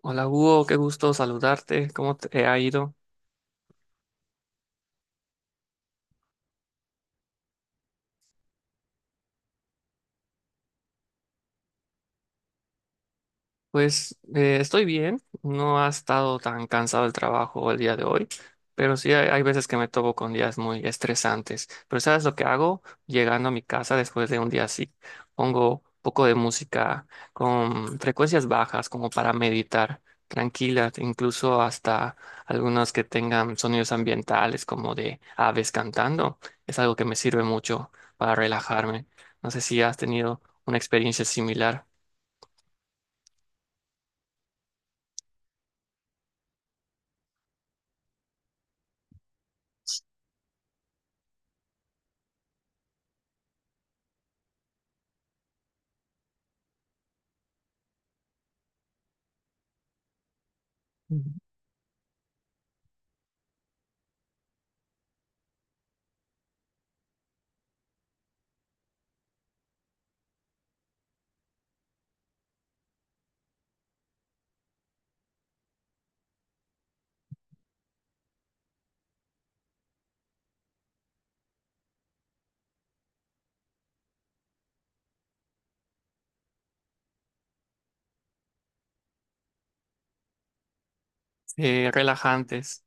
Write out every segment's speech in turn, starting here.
Hola Hugo, qué gusto saludarte. ¿Cómo te ha ido? Estoy bien, no ha estado tan cansado el trabajo el día de hoy, pero sí hay veces que me topo con días muy estresantes. Pero ¿sabes lo que hago? Llegando a mi casa después de un día así, pongo un poco de música con frecuencias bajas como para meditar, tranquila, incluso hasta algunas que tengan sonidos ambientales como de aves cantando. Es algo que me sirve mucho para relajarme. No sé si has tenido una experiencia similar. Relajantes.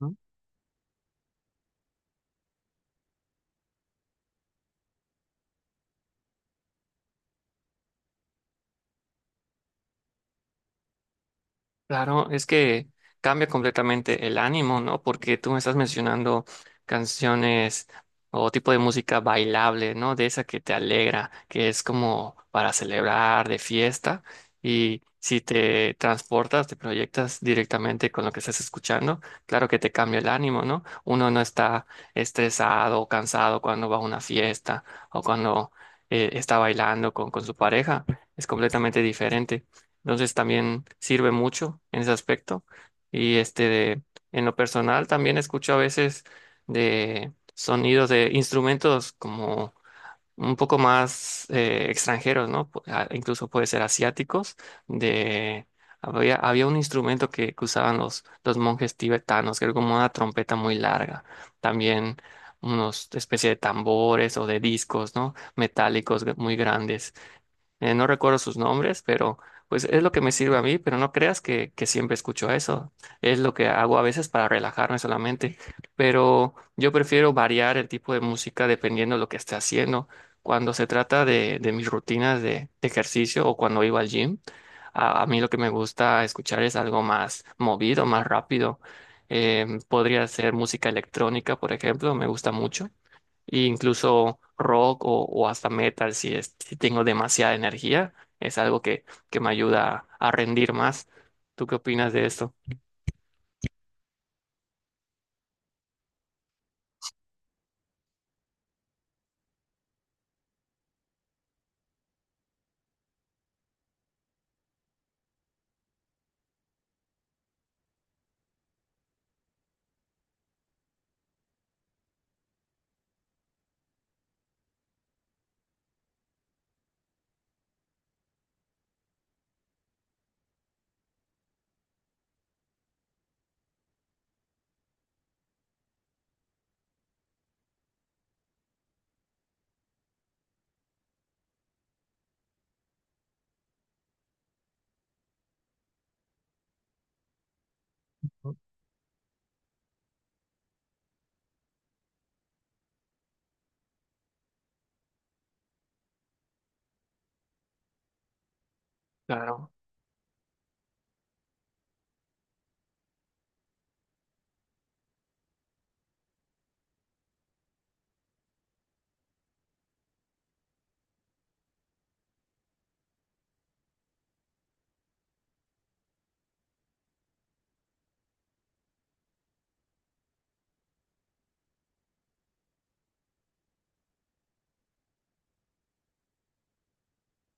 ¿No? Claro, es que cambia completamente el ánimo, ¿no? Porque tú me estás mencionando canciones o tipo de música bailable, ¿no? De esa que te alegra, que es como para celebrar, de fiesta. Y si te transportas, te proyectas directamente con lo que estás escuchando, claro que te cambia el ánimo, ¿no? Uno no está estresado o cansado cuando va a una fiesta o cuando está bailando con su pareja. Es completamente diferente. Entonces también sirve mucho en ese aspecto. Y este de, en lo personal también escucho a veces de sonidos de instrumentos como un poco más extranjeros, ¿no? Incluso puede ser asiáticos. De, había un instrumento que usaban los monjes tibetanos, que era como una trompeta muy larga. También unos especie de tambores o de discos, ¿no? Metálicos muy grandes. No recuerdo sus nombres, pero pues es lo que me sirve a mí, pero no creas que siempre escucho eso. Es lo que hago a veces para relajarme solamente, pero yo prefiero variar el tipo de música dependiendo de lo que esté haciendo. Cuando se trata de mis rutinas de ejercicio o cuando iba al gym, a mí lo que me gusta escuchar es algo más movido, más rápido. Podría ser música electrónica, por ejemplo, me gusta mucho e incluso rock o hasta metal si tengo demasiada energía, es algo que me ayuda a rendir más. ¿Tú qué opinas de esto? Claro.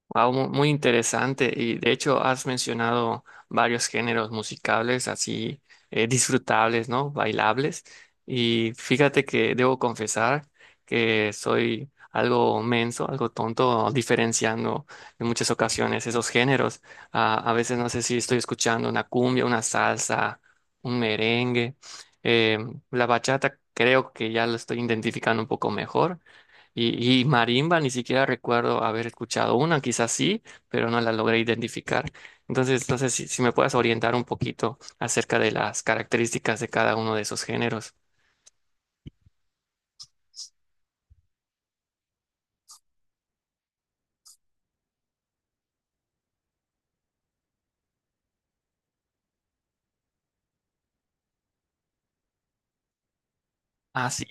Wow, muy interesante. Y de hecho has mencionado varios géneros musicales así disfrutables, ¿no? Bailables. Y fíjate que debo confesar que soy algo menso, algo tonto, diferenciando en muchas ocasiones esos géneros. Ah, a veces no sé si estoy escuchando una cumbia, una salsa, un merengue. Eh, la bachata creo que ya lo estoy identificando un poco mejor. Y marimba, ni siquiera recuerdo haber escuchado una, quizás sí, pero no la logré identificar. Entonces, si me puedas orientar un poquito acerca de las características de cada uno de esos géneros. Ah, sí.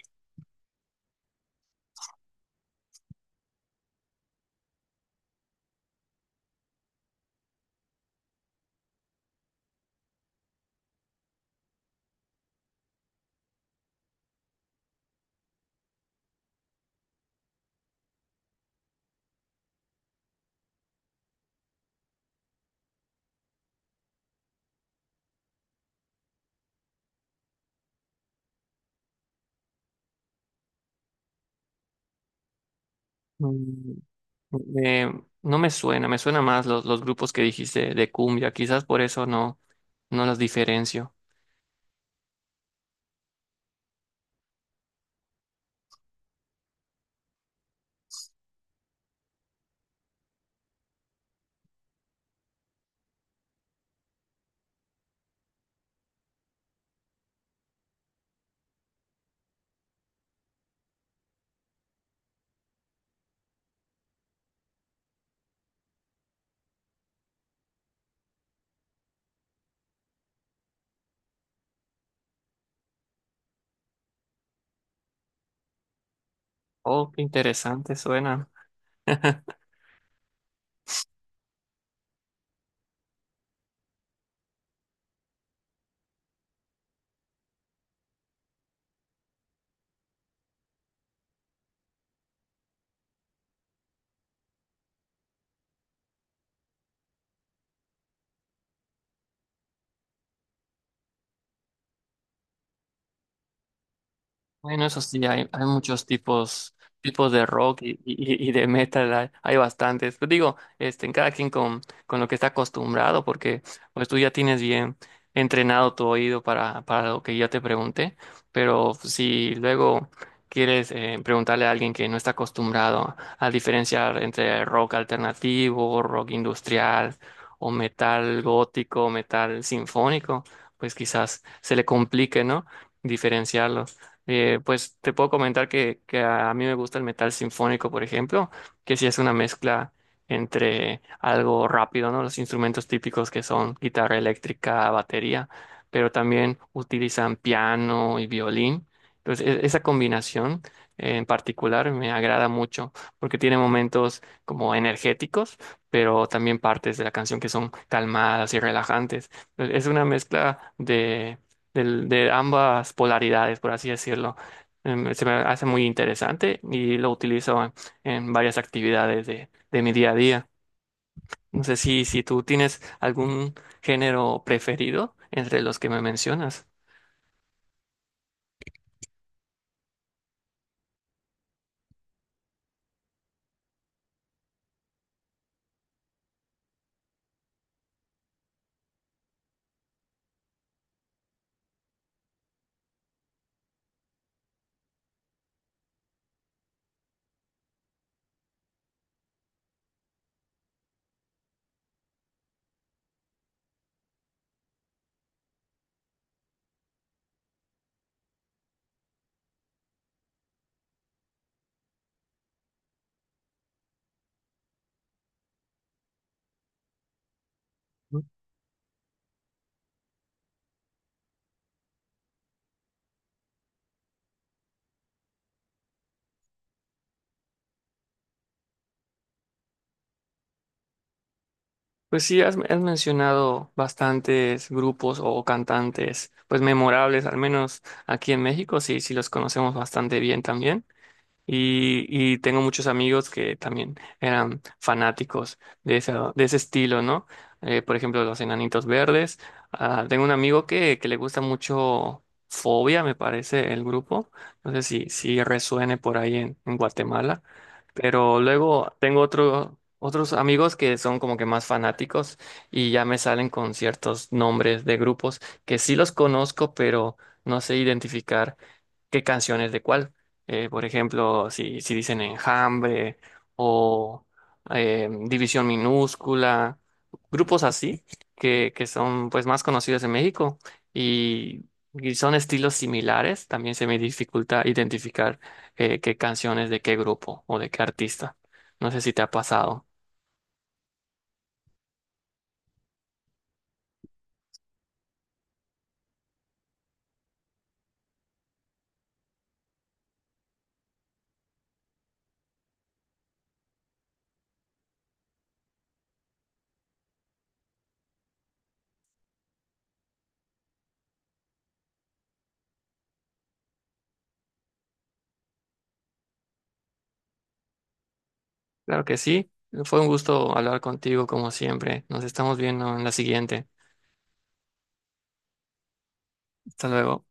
Mm, eh, no me suena, me suena más los grupos que dijiste de cumbia, quizás por eso no, no los diferencio. Oh, qué interesante suena. Bueno, eso sí, hay muchos tipos, tipos de rock y de metal, hay bastantes. Pero digo, este, en cada quien con lo que está acostumbrado, porque pues tú ya tienes bien entrenado tu oído para lo que yo te pregunté, pero si luego quieres preguntarle a alguien que no está acostumbrado a diferenciar entre rock alternativo, rock industrial o metal gótico, metal sinfónico, pues quizás se le complique, ¿no? Diferenciarlo. Pues te puedo comentar que a mí me gusta el metal sinfónico, por ejemplo, que sí es una mezcla entre algo rápido, ¿no? Los instrumentos típicos que son guitarra eléctrica, batería, pero también utilizan piano y violín. Entonces, esa combinación en particular me agrada mucho porque tiene momentos como energéticos, pero también partes de la canción que son calmadas y relajantes. Es una mezcla de ambas polaridades, por así decirlo. Se me hace muy interesante y lo utilizo en varias actividades de mi día a día. No sé si tú tienes algún género preferido entre los que me mencionas. Pues sí, has, has mencionado bastantes grupos o cantantes, pues memorables, al menos aquí en México, sí, sí los conocemos bastante bien también. Y tengo muchos amigos que también eran fanáticos de ese estilo, ¿no? Por ejemplo, los Enanitos Verdes. Ah, tengo un amigo que le gusta mucho Fobia, me parece, el grupo. No sé si resuene por ahí en Guatemala. Pero luego tengo otro, otros amigos que son como que más fanáticos y ya me salen con ciertos nombres de grupos que sí los conozco, pero no sé identificar qué canciones de cuál. Por ejemplo, si dicen Enjambre o División Minúscula, grupos así que son pues más conocidos en México y, y son estilos similares, también se me dificulta identificar qué canciones de qué grupo o de qué artista. No sé si te ha pasado. Claro que sí. Fue un gusto hablar contigo como siempre. Nos estamos viendo en la siguiente. Hasta luego.